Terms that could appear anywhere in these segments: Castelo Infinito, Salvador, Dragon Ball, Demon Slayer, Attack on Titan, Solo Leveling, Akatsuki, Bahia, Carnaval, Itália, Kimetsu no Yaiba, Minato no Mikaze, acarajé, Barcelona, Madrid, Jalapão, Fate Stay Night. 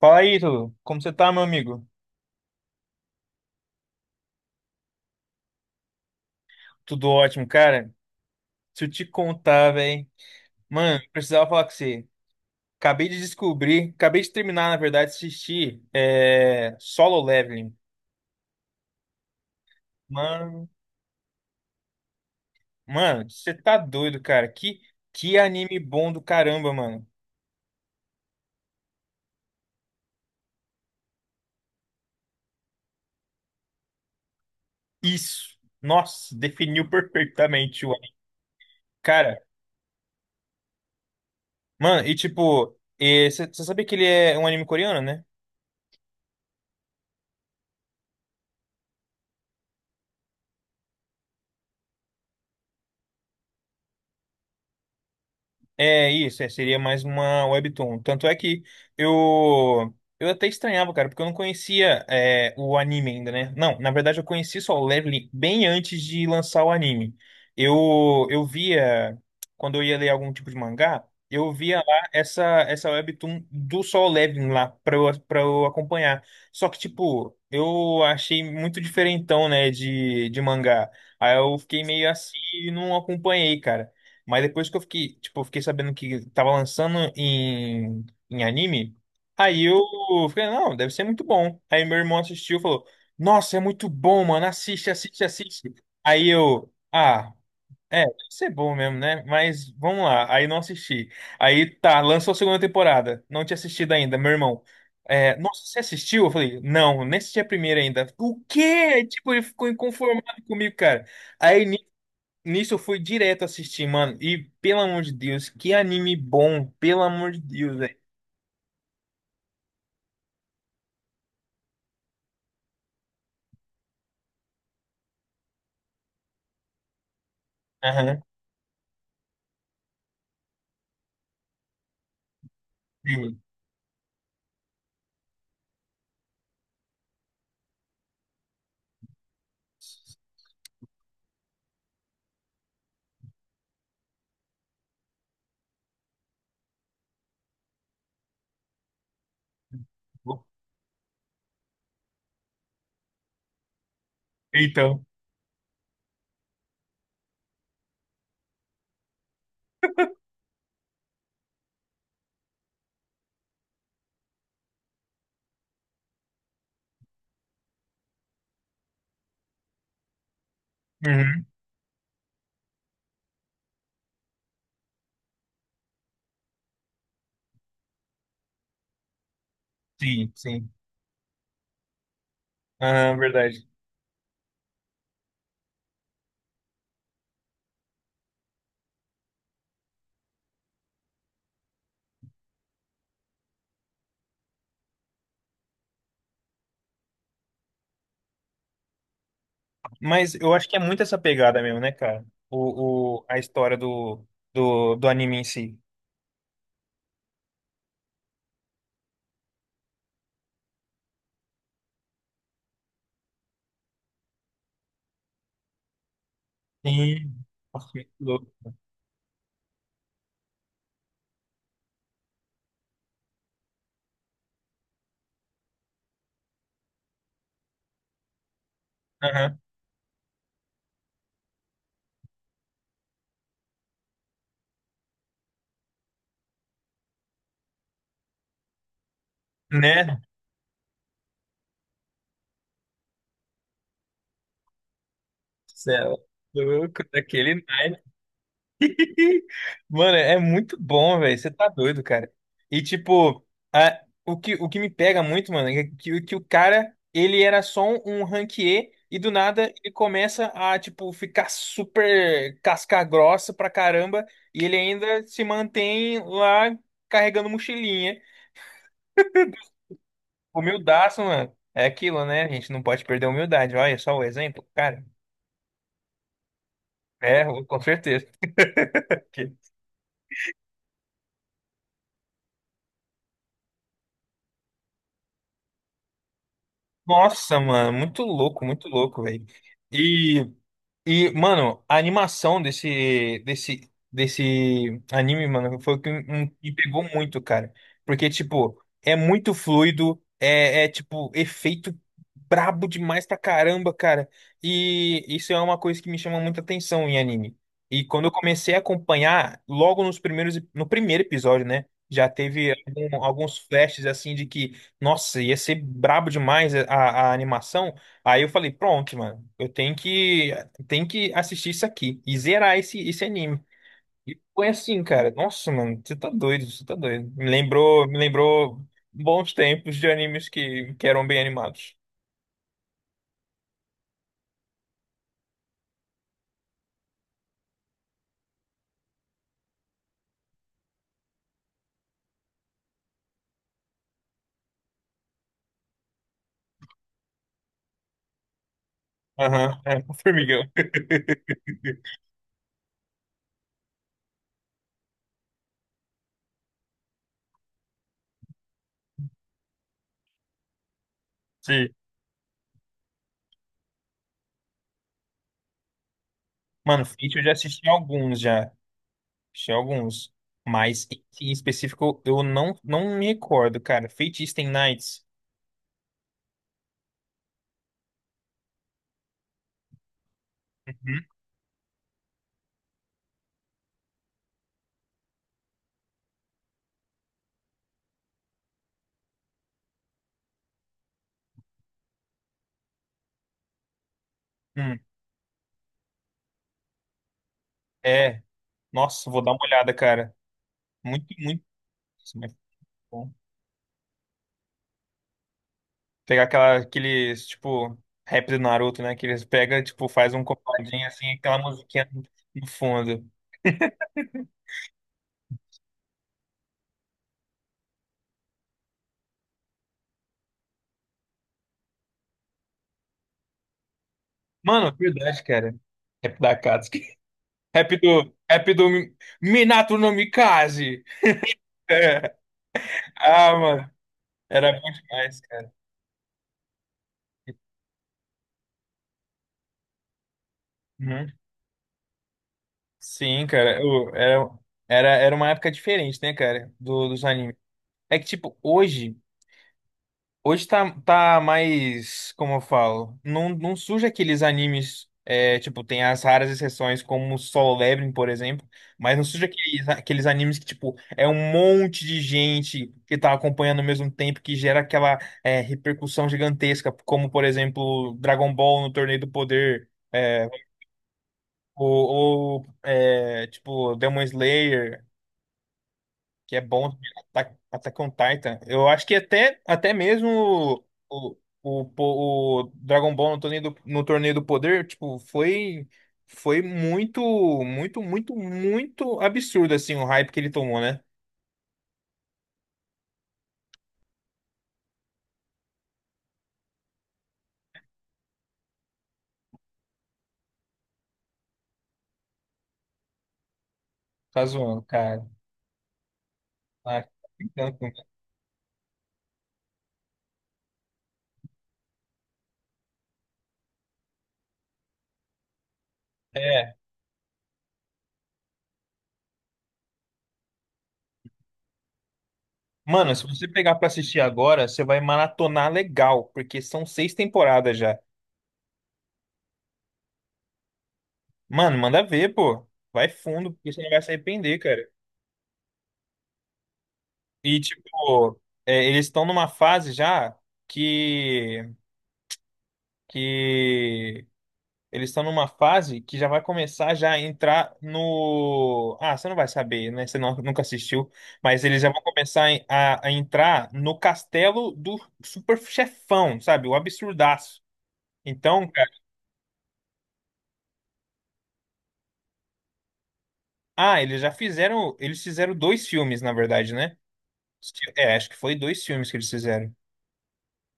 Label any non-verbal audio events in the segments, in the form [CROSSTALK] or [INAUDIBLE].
Fala aí, Ítalo. Como você tá, meu amigo? Tudo ótimo, cara. Se eu te contar, velho. Mano, precisava falar com você. Acabei de descobrir, acabei de terminar, na verdade, de assistir Solo Leveling. Mano, mano, você tá doido, cara. Que anime bom do caramba, mano. Isso. Nossa, definiu perfeitamente o anime. Cara, mano, e tipo, você sabe que ele é um anime coreano, né? É isso, seria mais uma webtoon. Tanto é que eu eu até estranhava, cara, porque eu não conhecia o anime ainda, né? Não, na verdade eu conheci só o Leveling bem antes de lançar o anime. Eu via quando eu ia ler algum tipo de mangá, eu via lá essa webtoon do Solo Leveling lá para eu acompanhar. Só que tipo, eu achei muito diferentão, né, de mangá. Aí eu fiquei meio assim e não acompanhei, cara. Mas depois que eu fiquei, tipo, eu fiquei sabendo que tava lançando em anime, aí eu falei, não, deve ser muito bom. Aí meu irmão assistiu e falou, nossa, é muito bom, mano, assiste, assiste, assiste. Aí eu, ah, deve ser bom mesmo, né? Mas vamos lá, aí não assisti. Aí tá, lançou a segunda temporada, não tinha assistido ainda, meu irmão. É, nossa, você assistiu? Eu falei, não, nem assisti a primeira ainda. O quê? Tipo, ele ficou inconformado comigo, cara. Aí Nisso eu fui direto assistir, mano. E pelo amor de Deus, que anime bom, pelo amor de Deus, velho. Aham. Sim. Então. Uhum. Sim, sim. Aham, verdade. Mas eu acho que é muito essa pegada mesmo, né, cara? A história do anime em si. Sim. Nossa, que louco. Aham. Né? Céu. Louco, daquele naipe. [LAUGHS] Mano, é muito bom, velho. Você tá doido, cara. E tipo, o que me pega muito, mano, é que o cara, ele era só um ranquier e do nada ele começa a, tipo, ficar super casca grossa pra caramba e ele ainda se mantém lá carregando mochilinha. Humildaço, mano. É aquilo, né? A gente não pode perder a humildade. Olha só o exemplo, cara. É, com certeza. [LAUGHS] Nossa, mano, muito louco, velho. E, mano, a animação desse anime, mano, foi o que me pegou muito, cara. Porque, tipo, é muito fluido, tipo, efeito brabo demais pra caramba, cara. E isso é uma coisa que me chama muita atenção em anime. E quando eu comecei a acompanhar, logo no primeiro episódio, né? Já teve alguns flashes assim de que, nossa, ia ser brabo demais a animação. Aí eu falei, pronto, mano, eu tenho que tem que assistir isso aqui e zerar esse anime. E foi assim, cara. Nossa, mano, você tá doido, você tá doido. Me lembrou bons tempos de animes que eram bem animados. Aham, é, o Formigão. [LAUGHS] Sim. Mano, Fate eu já assisti alguns já. Assisti alguns. Mas esse em específico eu não me recordo, cara. Fate Stay Nights. Uhum. Hum. É. Nossa, vou dar uma olhada, cara. Muito, muito. Isso. mas- Pegar aqueles, tipo, rap do Naruto, né? Que eles pegam, tipo, faz um compadinho assim, aquela musiquinha no fundo. Mano, verdade, cara. Rap da Akatsuki. [LAUGHS] Rap do Minato no Mikaze. É. Ah, mano. Era bom demais, cara. Uhum. Sim, cara. Era uma época diferente, né, cara? Dos animes. É que, tipo, hoje. Hoje tá mais, como eu falo, não surge aqueles animes, tipo, tem as raras exceções como Solo Leveling, por exemplo, mas não surge aqueles animes que, tipo, é um monte de gente que tá acompanhando ao mesmo tempo, que gera aquela, repercussão gigantesca, como, por exemplo, Dragon Ball no Torneio do Poder, ou, tipo, Demon Slayer, que é bom de Attack on Titan. Eu acho que até mesmo o, o, o, o Dragon Ball no torneio do poder, tipo, foi muito, muito, muito, muito absurdo assim o hype que ele tomou, né? Tá zoando, cara. Tá brincando com- É. Mano, se você pegar pra assistir agora, você vai maratonar legal, porque são seis temporadas já. Mano, manda ver, pô. Vai fundo, porque você não vai se arrepender, cara. E, tipo, eles estão numa fase já que, que eles estão numa fase que já vai começar já a entrar no. Ah, você não vai saber, né? Você não- nunca assistiu, mas eles já vão começar a entrar no castelo do super chefão, sabe? O absurdaço. Então, cara, ah, eles já fizeram. Eles fizeram dois filmes, na verdade, né? É, acho que foi dois filmes que eles fizeram.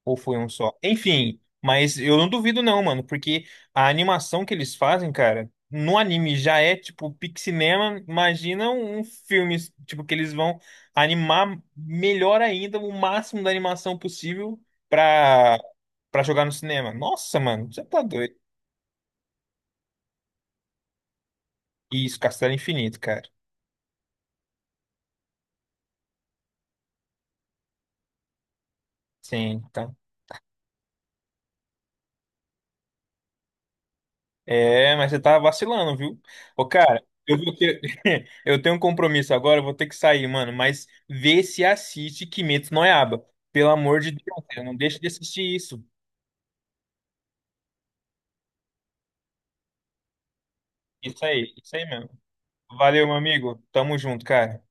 Ou foi um só? Enfim, mas eu não duvido não, mano, porque a animação que eles fazem, cara, no anime já é tipo pixinema, imagina um filme, tipo, que eles vão animar melhor ainda, o máximo da animação possível pra, pra jogar no cinema. Nossa, mano, você tá doido. Isso, Castelo Infinito, cara. Sim, então. É, mas você tá vacilando, viu? Ô, cara, eu vou ter... [LAUGHS] eu tenho um compromisso agora, eu vou ter que sair, mano. Mas vê se assiste Kimetsu no Yaiba. Pelo amor de Deus, cara, não deixe de assistir isso. Isso aí mesmo. Valeu, meu amigo. Tamo junto, cara.